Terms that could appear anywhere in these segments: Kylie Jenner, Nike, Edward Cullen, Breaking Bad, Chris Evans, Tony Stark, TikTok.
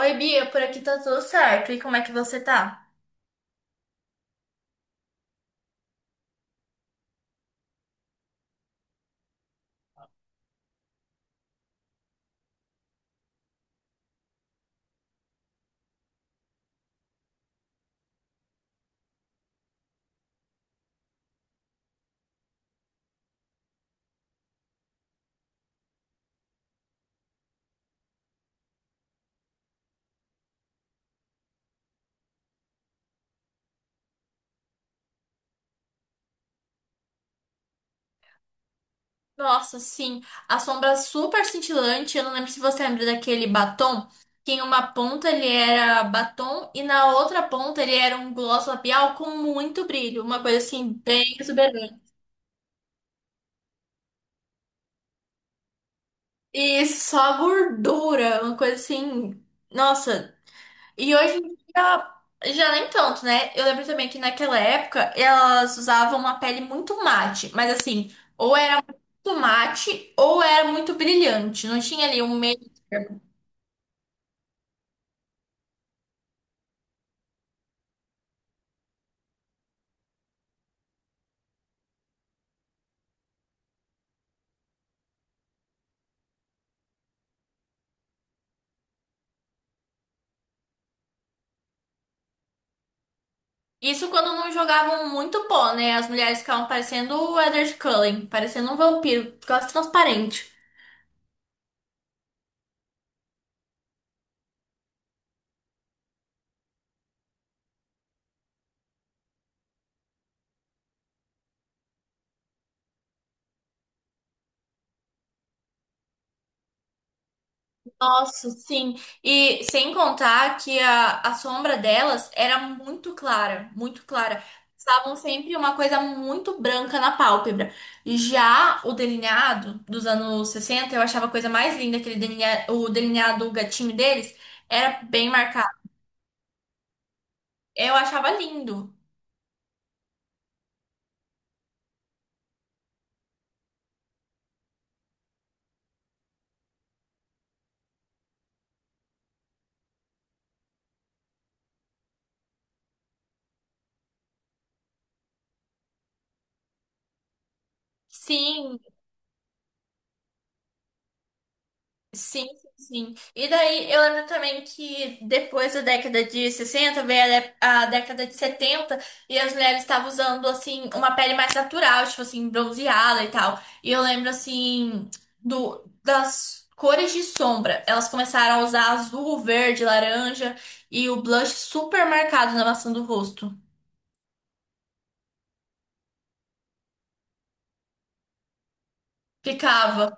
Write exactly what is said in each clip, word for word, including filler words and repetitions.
Oi, Bia, por aqui tá tudo certo. E como é que você tá? Nossa, sim, a sombra é super cintilante. Eu não lembro se você lembra daquele batom, que em uma ponta ele era batom e na outra ponta ele era um gloss labial com muito brilho, uma coisa assim bem exuberante. E só gordura, uma coisa assim, nossa. E hoje em dia já nem tanto, né? Eu lembro também que naquela época elas usavam uma pele muito mate, mas assim, ou tomate ou era muito brilhante. Não tinha ali um meio. Isso quando não jogavam muito pó, né? As mulheres ficavam parecendo o Edward Cullen, parecendo um vampiro, quase transparente. Nossa, sim. E sem contar que a, a sombra delas era muito clara, muito clara. Estavam sempre uma coisa muito branca na pálpebra. E já o delineado dos anos sessenta eu achava a coisa mais linda, aquele delinea- o delineado gatinho deles, era bem marcado. Eu achava lindo. Sim, sim, sim, sim. E daí eu lembro também que depois da década de sessenta veio a, dé- a década de setenta e as mulheres estavam usando assim uma pele mais natural, tipo assim, bronzeada e tal. E eu lembro assim do das cores de sombra. Elas começaram a usar azul, verde, laranja e o blush super marcado na maçã do rosto. Ficava.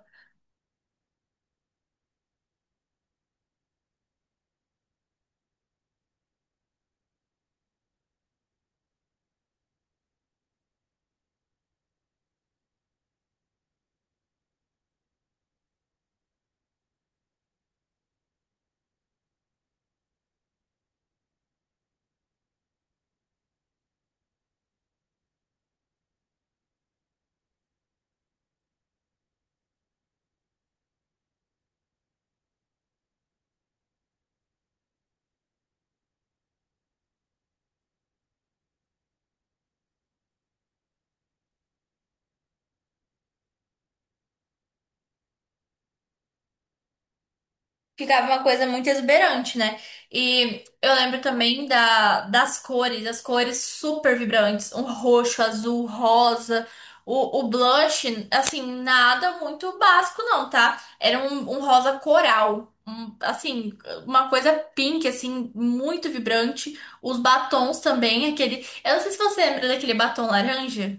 Ficava uma coisa muito exuberante, né? E eu lembro também da, das cores, as cores super vibrantes, um roxo, azul, rosa, o, o blush, assim, nada muito básico não, tá? Era um, um rosa coral, um- assim, uma coisa pink, assim, muito vibrante. Os batons também, aquele... Eu não sei se você lembra daquele batom laranja.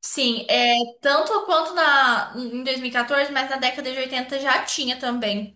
Sim, é tanto quanto na, em dois mil e quatorze, mas na década de oitenta já tinha também.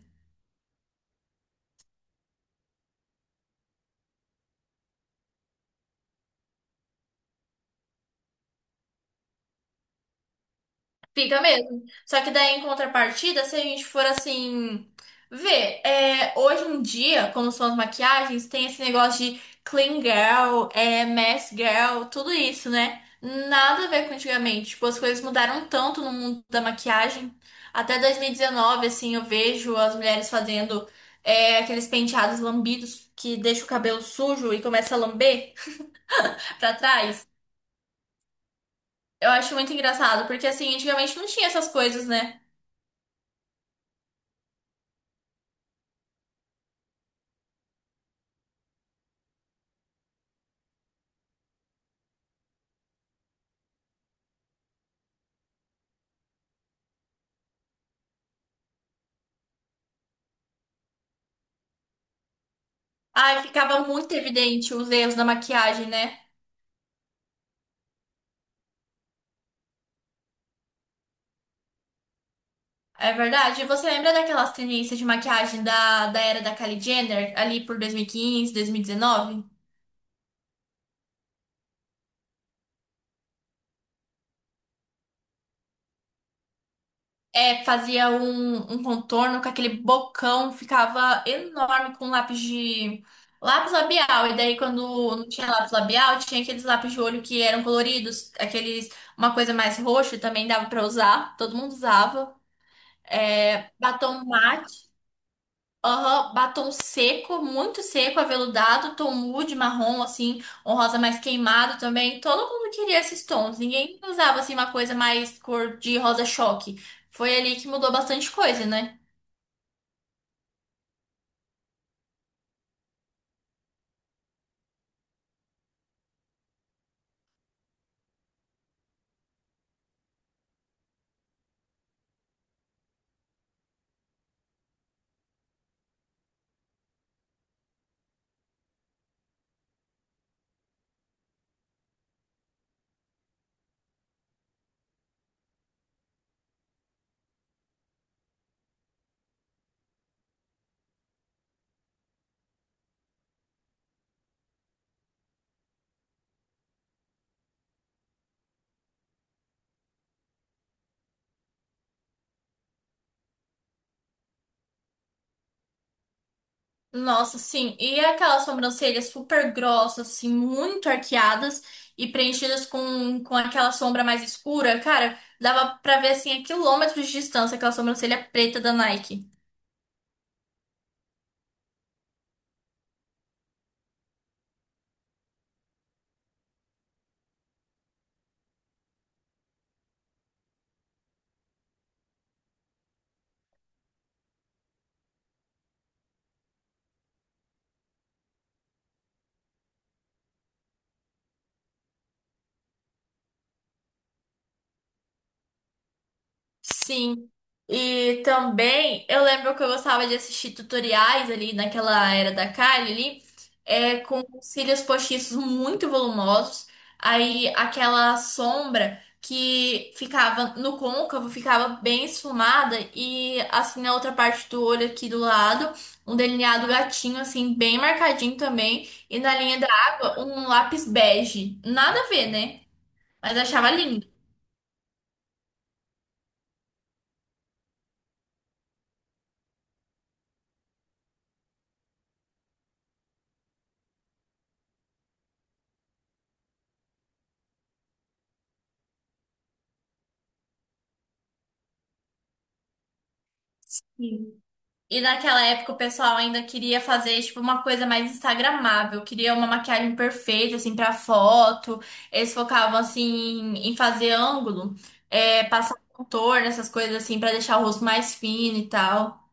Fica mesmo. Só que daí, em contrapartida, se a gente for assim, ver, é, hoje em dia, como são as maquiagens, tem esse negócio de clean girl, é, mess girl, tudo isso, né? Nada a ver com antigamente. Tipo, as coisas mudaram tanto no mundo da maquiagem. Até dois mil e dezenove, assim, eu vejo as mulheres fazendo, é, aqueles penteados lambidos que deixa o cabelo sujo e começa a lamber pra trás. Eu acho muito engraçado, porque assim, antigamente não tinha essas coisas, né? Ai, ficava muito evidente os erros da maquiagem, né? É verdade. E você lembra daquelas tendências de maquiagem da, da era da Kylie Jenner, ali por dois mil e quinze, dois mil e dezenove? É, fazia um, um contorno com aquele bocão, ficava enorme com lápis de. Lápis labial. E daí, quando não tinha lápis labial, tinha aqueles lápis de olho que eram coloridos, aqueles. Uma coisa mais roxa também dava pra usar, todo mundo usava. É, batom mate. Aham, batom seco, muito seco, aveludado, tom nude, marrom, assim, um rosa mais queimado também. Todo mundo queria esses tons, ninguém usava, assim, uma coisa mais cor de rosa choque. Foi ali que mudou bastante coisa, né? Nossa, sim, e aquelas sobrancelhas super grossas, assim, muito arqueadas e preenchidas com, com aquela sombra mais escura, cara, dava pra ver, assim, a quilômetros de distância aquela sobrancelha preta da Nike. Sim. E também eu lembro que eu gostava de assistir tutoriais ali naquela era da Kylie ali, é, com os cílios postiços muito volumosos, aí aquela sombra que ficava no côncavo ficava bem esfumada e assim na outra parte do olho aqui do lado, um delineado gatinho assim bem marcadinho também e na linha da água um lápis bege. Nada a ver, né? Mas eu achava lindo. E naquela época o pessoal ainda queria fazer tipo uma coisa mais instagramável, queria uma maquiagem perfeita assim para foto. Eles focavam assim em fazer ângulo, é, passar contorno, essas coisas assim para deixar o rosto mais fino e tal.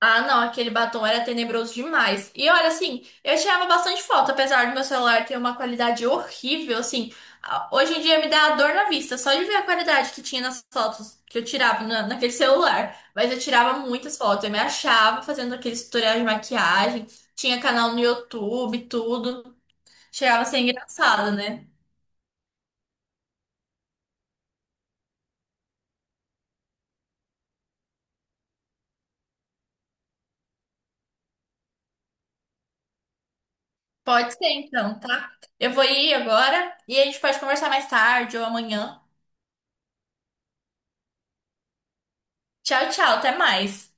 Ah, não, aquele batom era tenebroso demais. E olha, assim, eu tirava bastante foto, apesar do meu celular ter uma qualidade horrível, assim. a- hoje em dia me dá dor na vista, só de ver a qualidade que tinha nas fotos que eu tirava na- naquele celular. Mas eu tirava muitas fotos, eu me achava fazendo aqueles tutoriais de maquiagem, tinha canal no YouTube, tudo. Chegava a ser engraçado, né? Pode ser então, tá? Eu vou ir agora e a gente pode conversar mais tarde ou amanhã. Tchau, tchau, até mais.